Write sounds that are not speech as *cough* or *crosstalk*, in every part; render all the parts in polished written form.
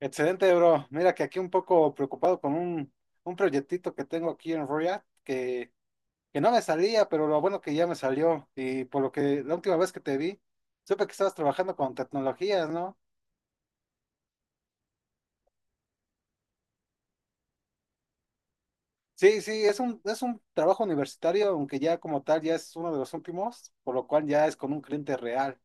Excelente, bro. Mira que aquí un poco preocupado con un proyectito que tengo aquí en Royal, que no me salía, pero lo bueno que ya me salió. Y por lo que la última vez que te vi, supe que estabas trabajando con tecnologías, ¿no? Sí, sí, es un trabajo universitario, aunque ya como tal ya es uno de los últimos, por lo cual ya es con un cliente real.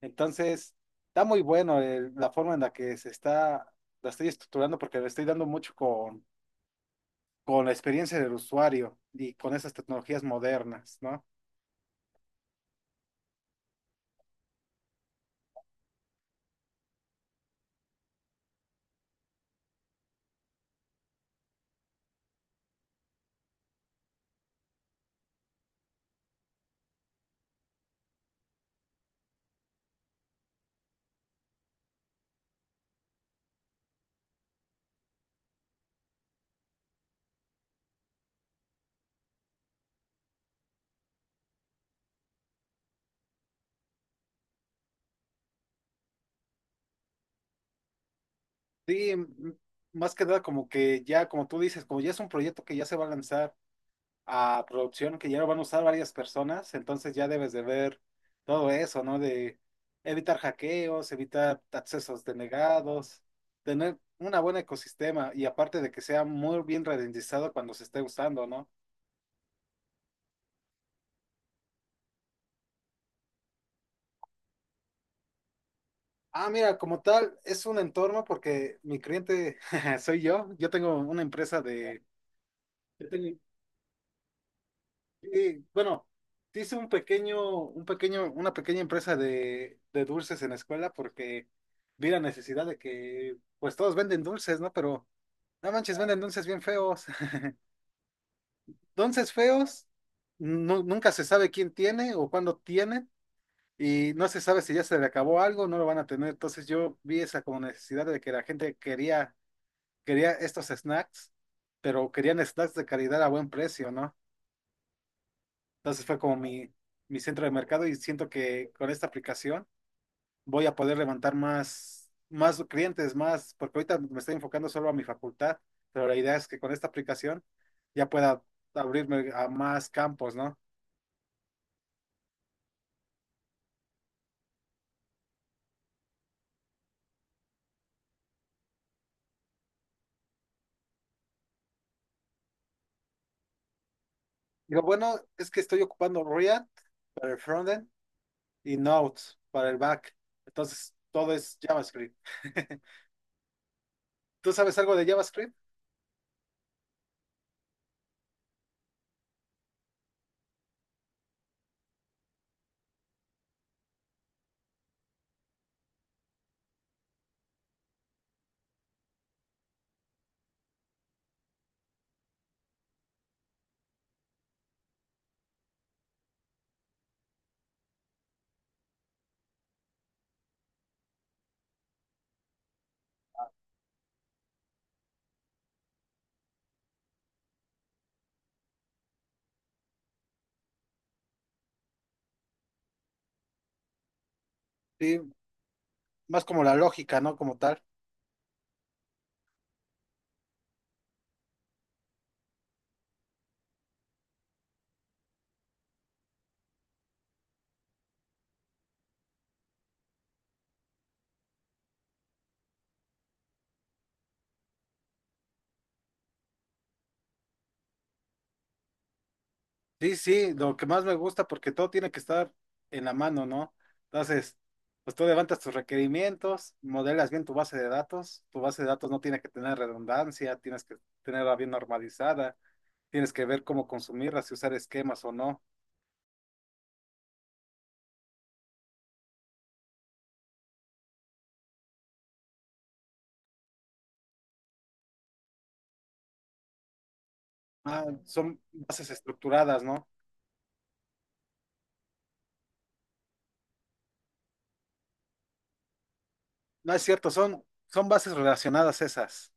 Entonces, está muy bueno la forma en la que se está, la estoy estructurando porque le estoy dando mucho con la experiencia del usuario y con esas tecnologías modernas, ¿no? Sí, más que nada como que ya, como tú dices, como ya es un proyecto que ya se va a lanzar a producción, que ya lo van a usar varias personas, entonces ya debes de ver todo eso, ¿no? De evitar hackeos, evitar accesos denegados, tener un buen ecosistema y aparte de que sea muy bien ralentizado cuando se esté usando, ¿no? Ah, mira, como tal, es un entorno porque mi cliente *laughs* soy yo, yo tengo una empresa de... Yo tengo. Y bueno, sí hice una pequeña empresa de dulces en la escuela porque vi la necesidad de que, pues todos venden dulces, ¿no? Pero no manches, venden dulces bien feos. *laughs* Dulces feos, nunca se sabe quién tiene o cuándo tienen y no se sabe si ya se le acabó algo, no lo van a tener. Entonces yo vi esa como necesidad de que la gente quería estos snacks, pero querían snacks de calidad a buen precio, ¿no? Entonces fue como mi centro de mercado y siento que con esta aplicación voy a poder levantar más clientes, más, porque ahorita me estoy enfocando solo a mi facultad, pero la idea es que con esta aplicación ya pueda abrirme a más campos, ¿no? Digo, bueno, es que estoy ocupando React para el frontend y Node para el back. Entonces, todo es JavaScript. *laughs* ¿Tú sabes algo de JavaScript? Sí, más como la lógica, ¿no? Como tal. Sí, sí, lo que más me gusta porque todo tiene que estar en la mano, ¿no? Entonces, pues tú levantas tus requerimientos, modelas bien tu base de datos, tu base de datos no tiene que tener redundancia, tienes que tenerla bien normalizada, tienes que ver cómo consumirla, si usar esquemas o no. Ah, son bases estructuradas, ¿no? No es cierto, son bases relacionadas esas.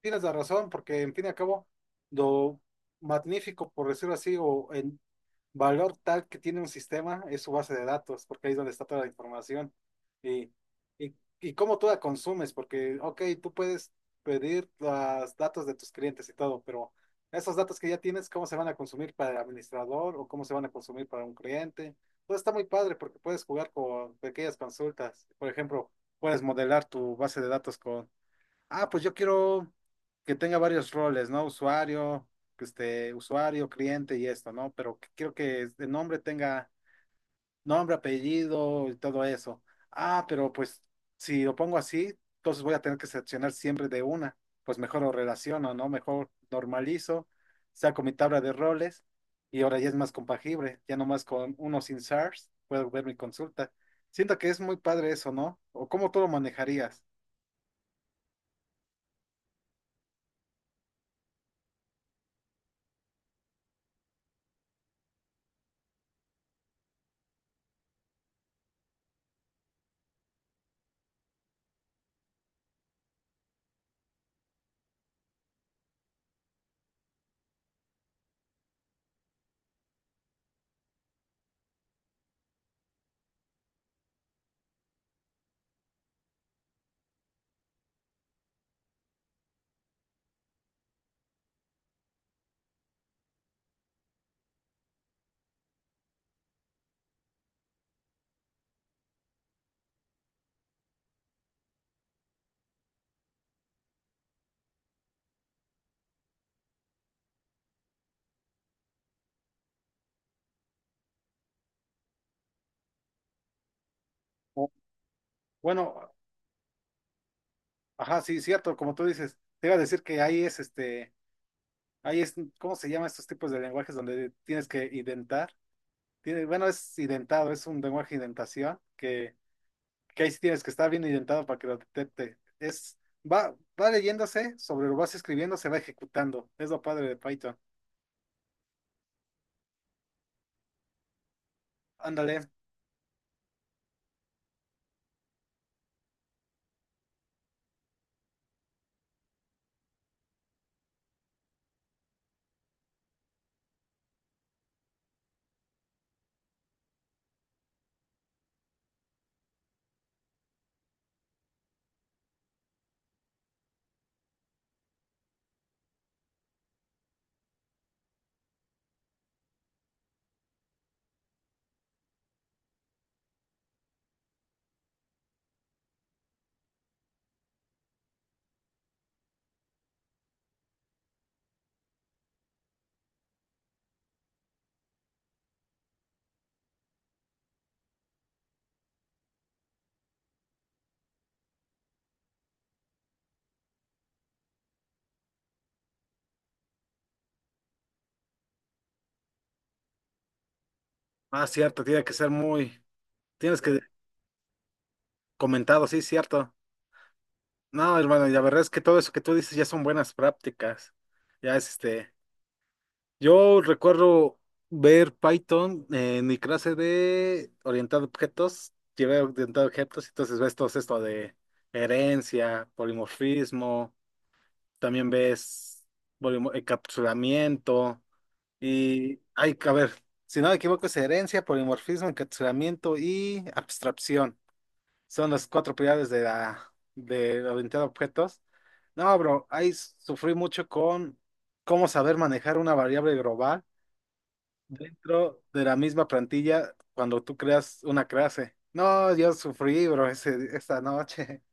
Tienes la razón, porque en fin y al cabo, lo magnífico, por decirlo así, o el valor tal que tiene un sistema es su base de datos, porque ahí es donde está toda la información. Y, y, y cómo tú la consumes, porque, ok, tú puedes pedir los datos de tus clientes y todo, pero esos datos que ya tienes, ¿cómo se van a consumir para el administrador o cómo se van a consumir para un cliente? Todo está muy padre porque puedes jugar con pequeñas consultas. Por ejemplo, puedes modelar tu base de datos con... Ah, pues yo quiero que tenga varios roles, ¿no? Usuario, que esté usuario, cliente y esto, ¿no? Quiero que el nombre tenga nombre, apellido y todo eso. Ah, pero pues si lo pongo así, entonces voy a tener que seleccionar siempre de una. Pues mejor lo relaciono, ¿no? Mejor normalizo, saco mi tabla de roles y ahora ya es más compagible. Ya nomás con uno sin SARS puedo ver mi consulta. Siento que es muy padre eso, ¿no? ¿O cómo tú lo manejarías? O, bueno. Ajá, sí, cierto, como tú dices, te iba a decir que ahí es, ¿cómo se llama estos tipos de lenguajes donde tienes que identar? Tiene, bueno, es identado, es un lenguaje de identación, que ahí sí tienes que estar bien identado para que lo detecte. Es, va, va leyéndose, sobre lo vas escribiendo, se va ejecutando. Es lo padre de Python. Ándale. Ah, cierto, tiene que ser muy, tienes que comentado, sí, cierto. No, hermano, y la verdad es que todo eso que tú dices ya son buenas prácticas. Ya es este. Yo recuerdo ver Python en mi clase de orientado a objetos, llevé orientado a objetos, entonces ves todo esto de herencia, polimorfismo, también ves encapsulamiento y hay que a ver, si no me equivoco es herencia, polimorfismo, encapsulamiento y abstracción. Son las cuatro prioridades de la de orientado a objetos. No, bro, ahí sufrí mucho con cómo saber manejar una variable global dentro de la misma plantilla cuando tú creas una clase. No, yo sufrí, bro, ese, esta noche. *laughs*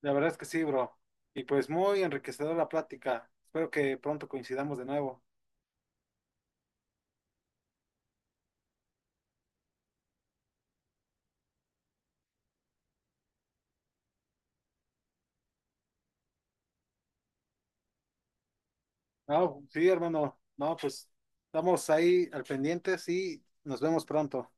La verdad es que sí, bro. Y pues muy enriquecedora la plática. Espero que pronto coincidamos de nuevo. No, sí, hermano. No, pues estamos ahí al pendiente y nos vemos pronto.